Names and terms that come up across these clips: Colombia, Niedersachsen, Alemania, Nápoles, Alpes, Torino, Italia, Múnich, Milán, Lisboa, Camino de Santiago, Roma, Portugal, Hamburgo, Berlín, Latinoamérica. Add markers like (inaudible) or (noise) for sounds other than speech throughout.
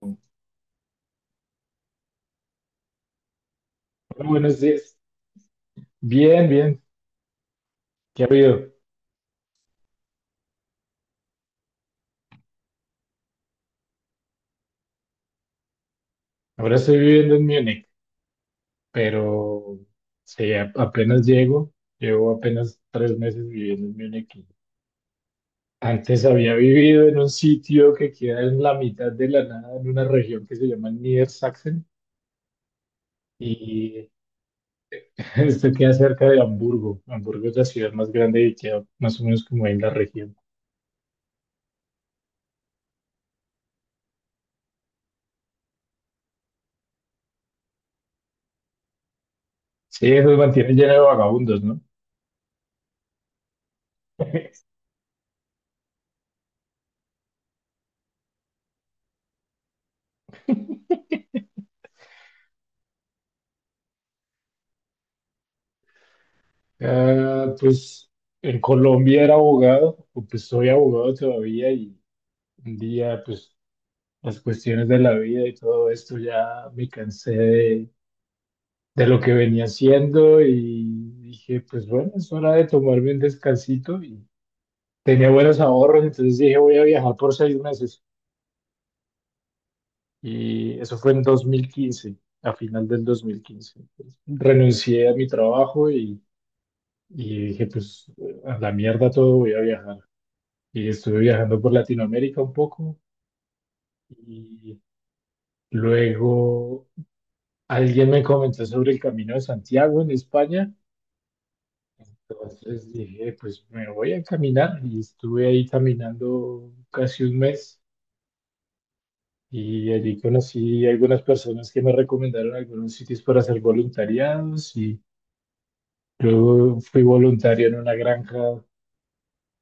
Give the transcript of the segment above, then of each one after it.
Hola, buenos días. Bien, bien. ¿Qué ha habido? Ahora estoy viviendo en Múnich, pero sí, apenas llego. Llevo apenas 3 meses viviendo en Múnich. Y antes había vivido en un sitio que queda en la mitad de la nada, en una región que se llama Niedersachsen. Y (laughs) esto queda cerca de Hamburgo. Hamburgo es la ciudad más grande y queda más o menos como ahí en la región. Sí, eso mantiene lleno de vagabundos, ¿no? (laughs) Ah, pues en Colombia era abogado, o pues soy abogado todavía. Y un día pues las cuestiones de la vida y todo esto ya me cansé de lo que venía haciendo y dije pues bueno, es hora de tomarme un descansito. Y tenía buenos ahorros, entonces dije voy a viajar por 6 meses, y eso fue en 2015, a final del 2015. Entonces, renuncié a mi trabajo, y dije pues a la mierda todo, voy a viajar. Y estuve viajando por Latinoamérica un poco y luego alguien me comentó sobre el Camino de Santiago en España. Entonces dije, pues me voy a caminar y estuve ahí caminando casi un mes y allí conocí algunas personas que me recomendaron algunos sitios para hacer voluntariados. Y luego fui voluntario en una granja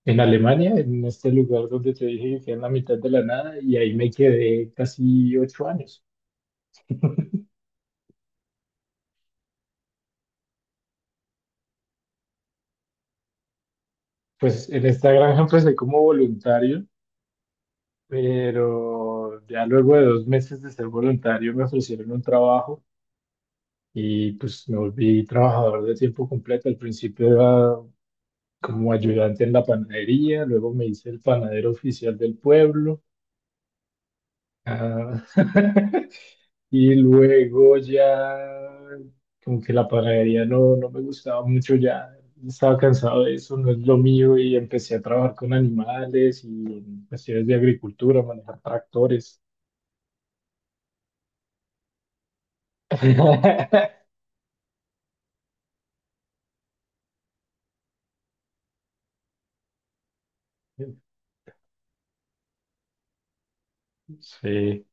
en Alemania, en este lugar donde te dije que queda en la mitad de la nada y ahí me quedé casi 8 años. Pues en esta granja empecé como voluntario, pero ya luego de 2 meses de ser voluntario me ofrecieron un trabajo y pues me volví trabajador de tiempo completo. Al principio era como ayudante en la panadería, luego me hice el panadero oficial del pueblo. Ah, (laughs) y luego ya, como que la panadería no, no me gustaba mucho, ya estaba cansado de eso, no es lo mío, y empecé a trabajar con animales y en cuestiones de agricultura, manejar tractores. (laughs) Sí,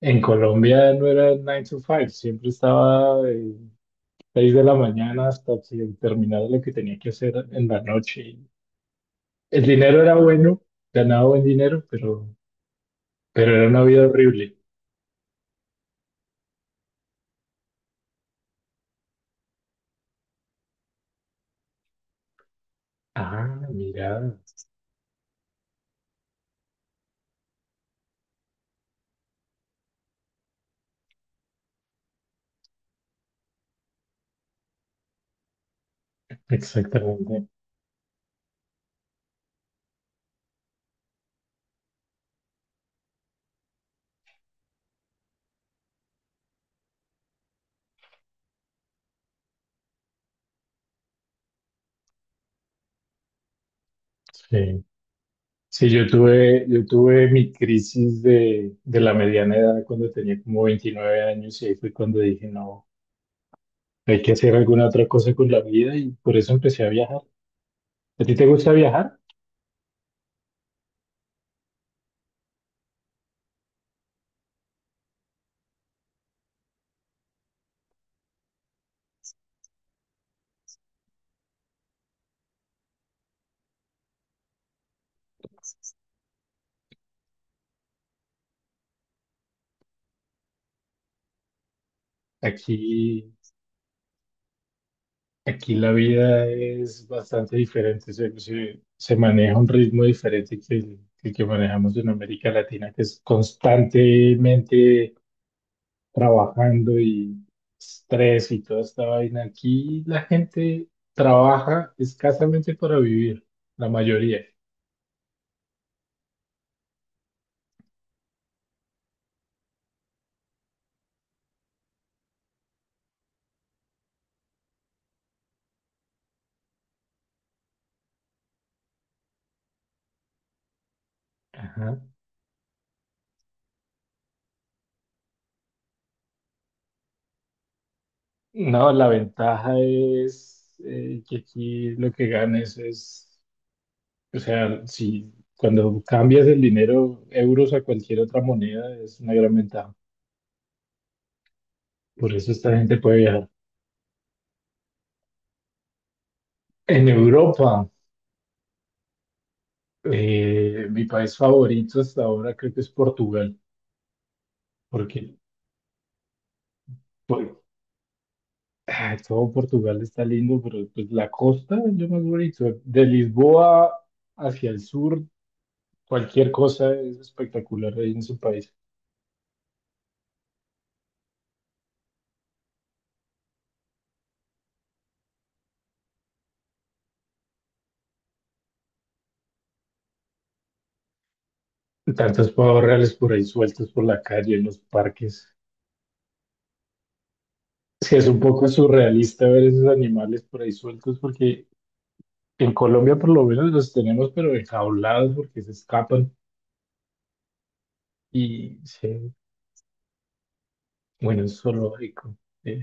en Colombia no era nine to five, siempre estaba de 6 de la mañana hasta que terminaba lo que tenía que hacer en la noche. El dinero era bueno, ganaba buen dinero, pero era una vida horrible. Ah, mira, exactamente. Sí. Sí, yo tuve mi crisis de la mediana edad cuando tenía como 29 años y ahí fue cuando dije, no, hay que hacer alguna otra cosa con la vida y por eso empecé a viajar. ¿A ti te gusta viajar? Aquí, aquí la vida es bastante diferente, se, se maneja un ritmo diferente que el que manejamos en América Latina, que es constantemente trabajando y estrés y toda esta vaina. Aquí la gente trabaja escasamente para vivir, la mayoría. Ajá. No, la ventaja es que aquí lo que ganes es, o sea, si cuando cambias el dinero euros a cualquier otra moneda es una gran ventaja. Por eso esta gente puede viajar. En Europa, mi país favorito hasta ahora creo que es Portugal, porque por- ah, todo Portugal está lindo, pero pues la costa es lo más bonito. De Lisboa hacia el sur, cualquier cosa es espectacular ahí en su país. Tantos pavos reales por ahí sueltos por la calle, en los parques. Es que es un poco surrealista ver esos animales por ahí sueltos, porque en Colombia por lo menos los tenemos, pero enjaulados porque se escapan. Y sí, bueno, es solo sí.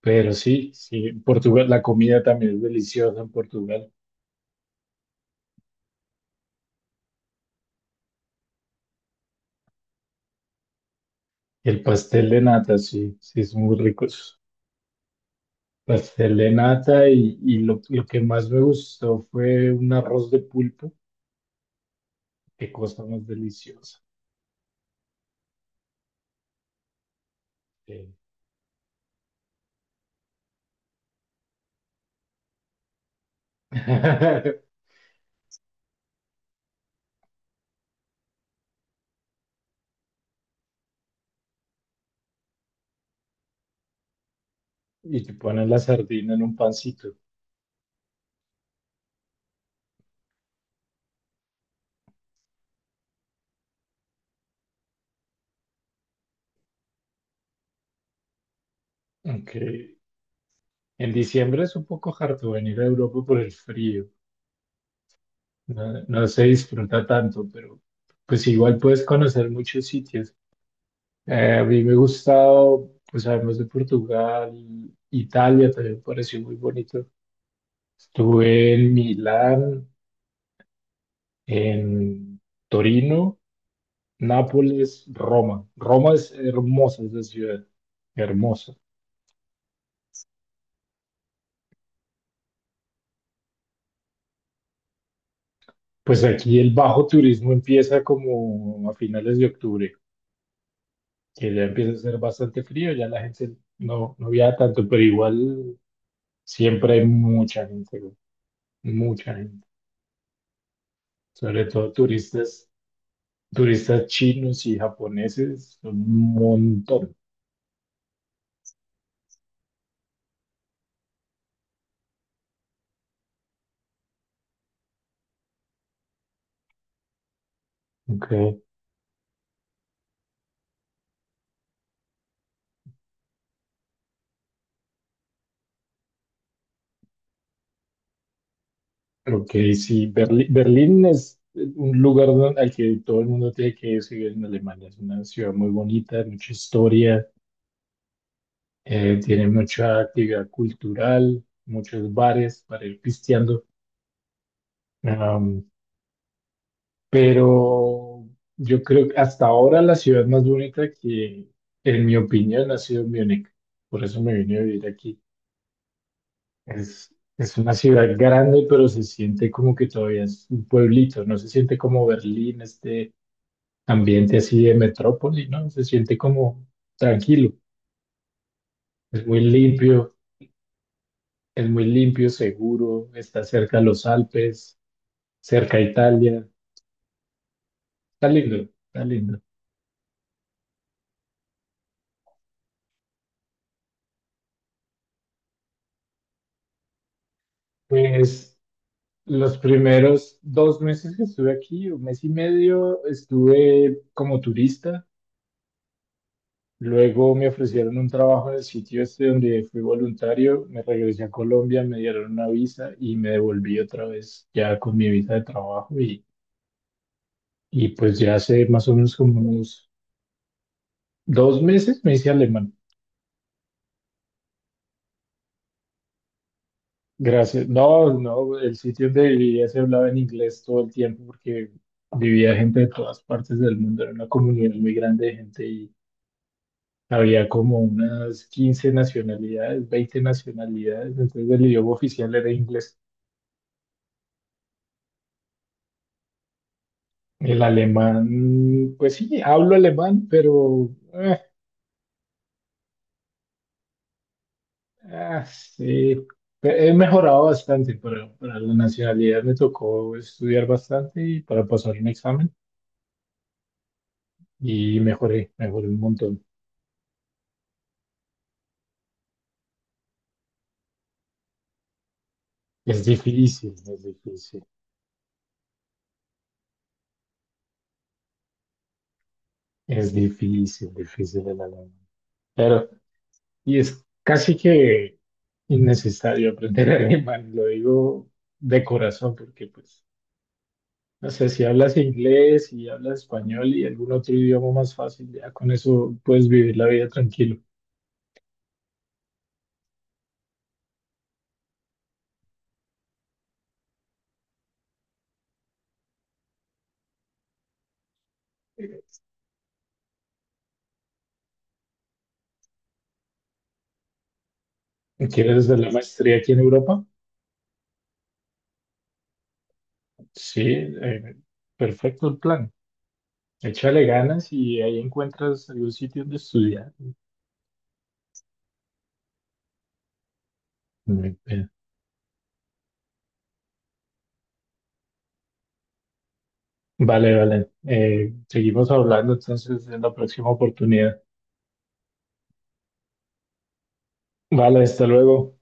Pero sí, sí, en Portugal, la comida también es deliciosa en Portugal. El pastel de nata, sí, sí, es muy rico eso. Pastel de nata y lo que más me gustó fue un arroz de pulpo. Qué cosa más deliciosa. Sí. (laughs) Y te ponen la sardina en un pancito. Aunque en diciembre es un poco harto venir a Europa por el frío. No, no se disfruta tanto, pero pues igual puedes conocer muchos sitios. A mí me ha gustado, pues además de Portugal, Italia también me pareció muy bonito. Estuve en Milán, en Torino, Nápoles, Roma. Roma es hermosa esa ciudad, hermosa. Pues aquí el bajo turismo empieza como a finales de octubre, que ya empieza a ser bastante frío, ya la gente no, no viaja tanto, pero igual siempre hay mucha gente, güey, mucha gente. Sobre todo turistas, turistas chinos y japoneses, un montón. Ok. Ok, sí, Berlín, Berlín es un lugar al que todo el mundo tiene que ir si vive en Alemania. Es una ciudad muy bonita, mucha historia, tiene mucha actividad cultural, muchos bares para ir pisteando. Am, pero yo creo que hasta ahora la ciudad más bonita que, en mi opinión, ha sido Múnich. Por eso me vine a vivir aquí. Es una ciudad grande, pero se siente como que todavía es un pueblito, no se siente como Berlín, este ambiente así de metrópoli, ¿no? Se siente como tranquilo, es muy limpio, es muy limpio, seguro, está cerca de los Alpes, cerca a Italia, está lindo, está lindo. Pues los primeros dos meses que estuve aquí, un mes y medio, estuve como turista. Luego me ofrecieron un trabajo en el sitio este donde fui voluntario, me regresé a Colombia, me dieron una visa y me devolví otra vez ya con mi visa de trabajo. Y pues ya hace más o menos como unos 2 meses me hice alemán. Gracias. No, no, el sitio donde vivía se hablaba en inglés todo el tiempo porque vivía gente de todas partes del mundo. Era una comunidad muy grande de gente y había como unas 15 nacionalidades, 20 nacionalidades. Entonces el idioma oficial era inglés. El alemán, pues sí, hablo alemán, pero ah, sí. He mejorado bastante para la nacionalidad. Me tocó estudiar bastante y para pasar un examen y mejoré, mejoré un montón. Es difícil, es difícil, es difícil, difícil el alemán. Pero, y es casi que innecesario aprender (laughs) alemán, lo digo de corazón, porque pues, no sé, si hablas inglés y hablas español y algún otro idioma más fácil, ya con eso puedes vivir la vida tranquilo. ¿Quieres de la maestría aquí en Europa? Sí, eh, perfecto el plan. Échale ganas y ahí encuentras algún sitio donde estudiar. Mm, eh, Vale, vale. Seguimos hablando entonces en la próxima oportunidad. Vale, hasta luego.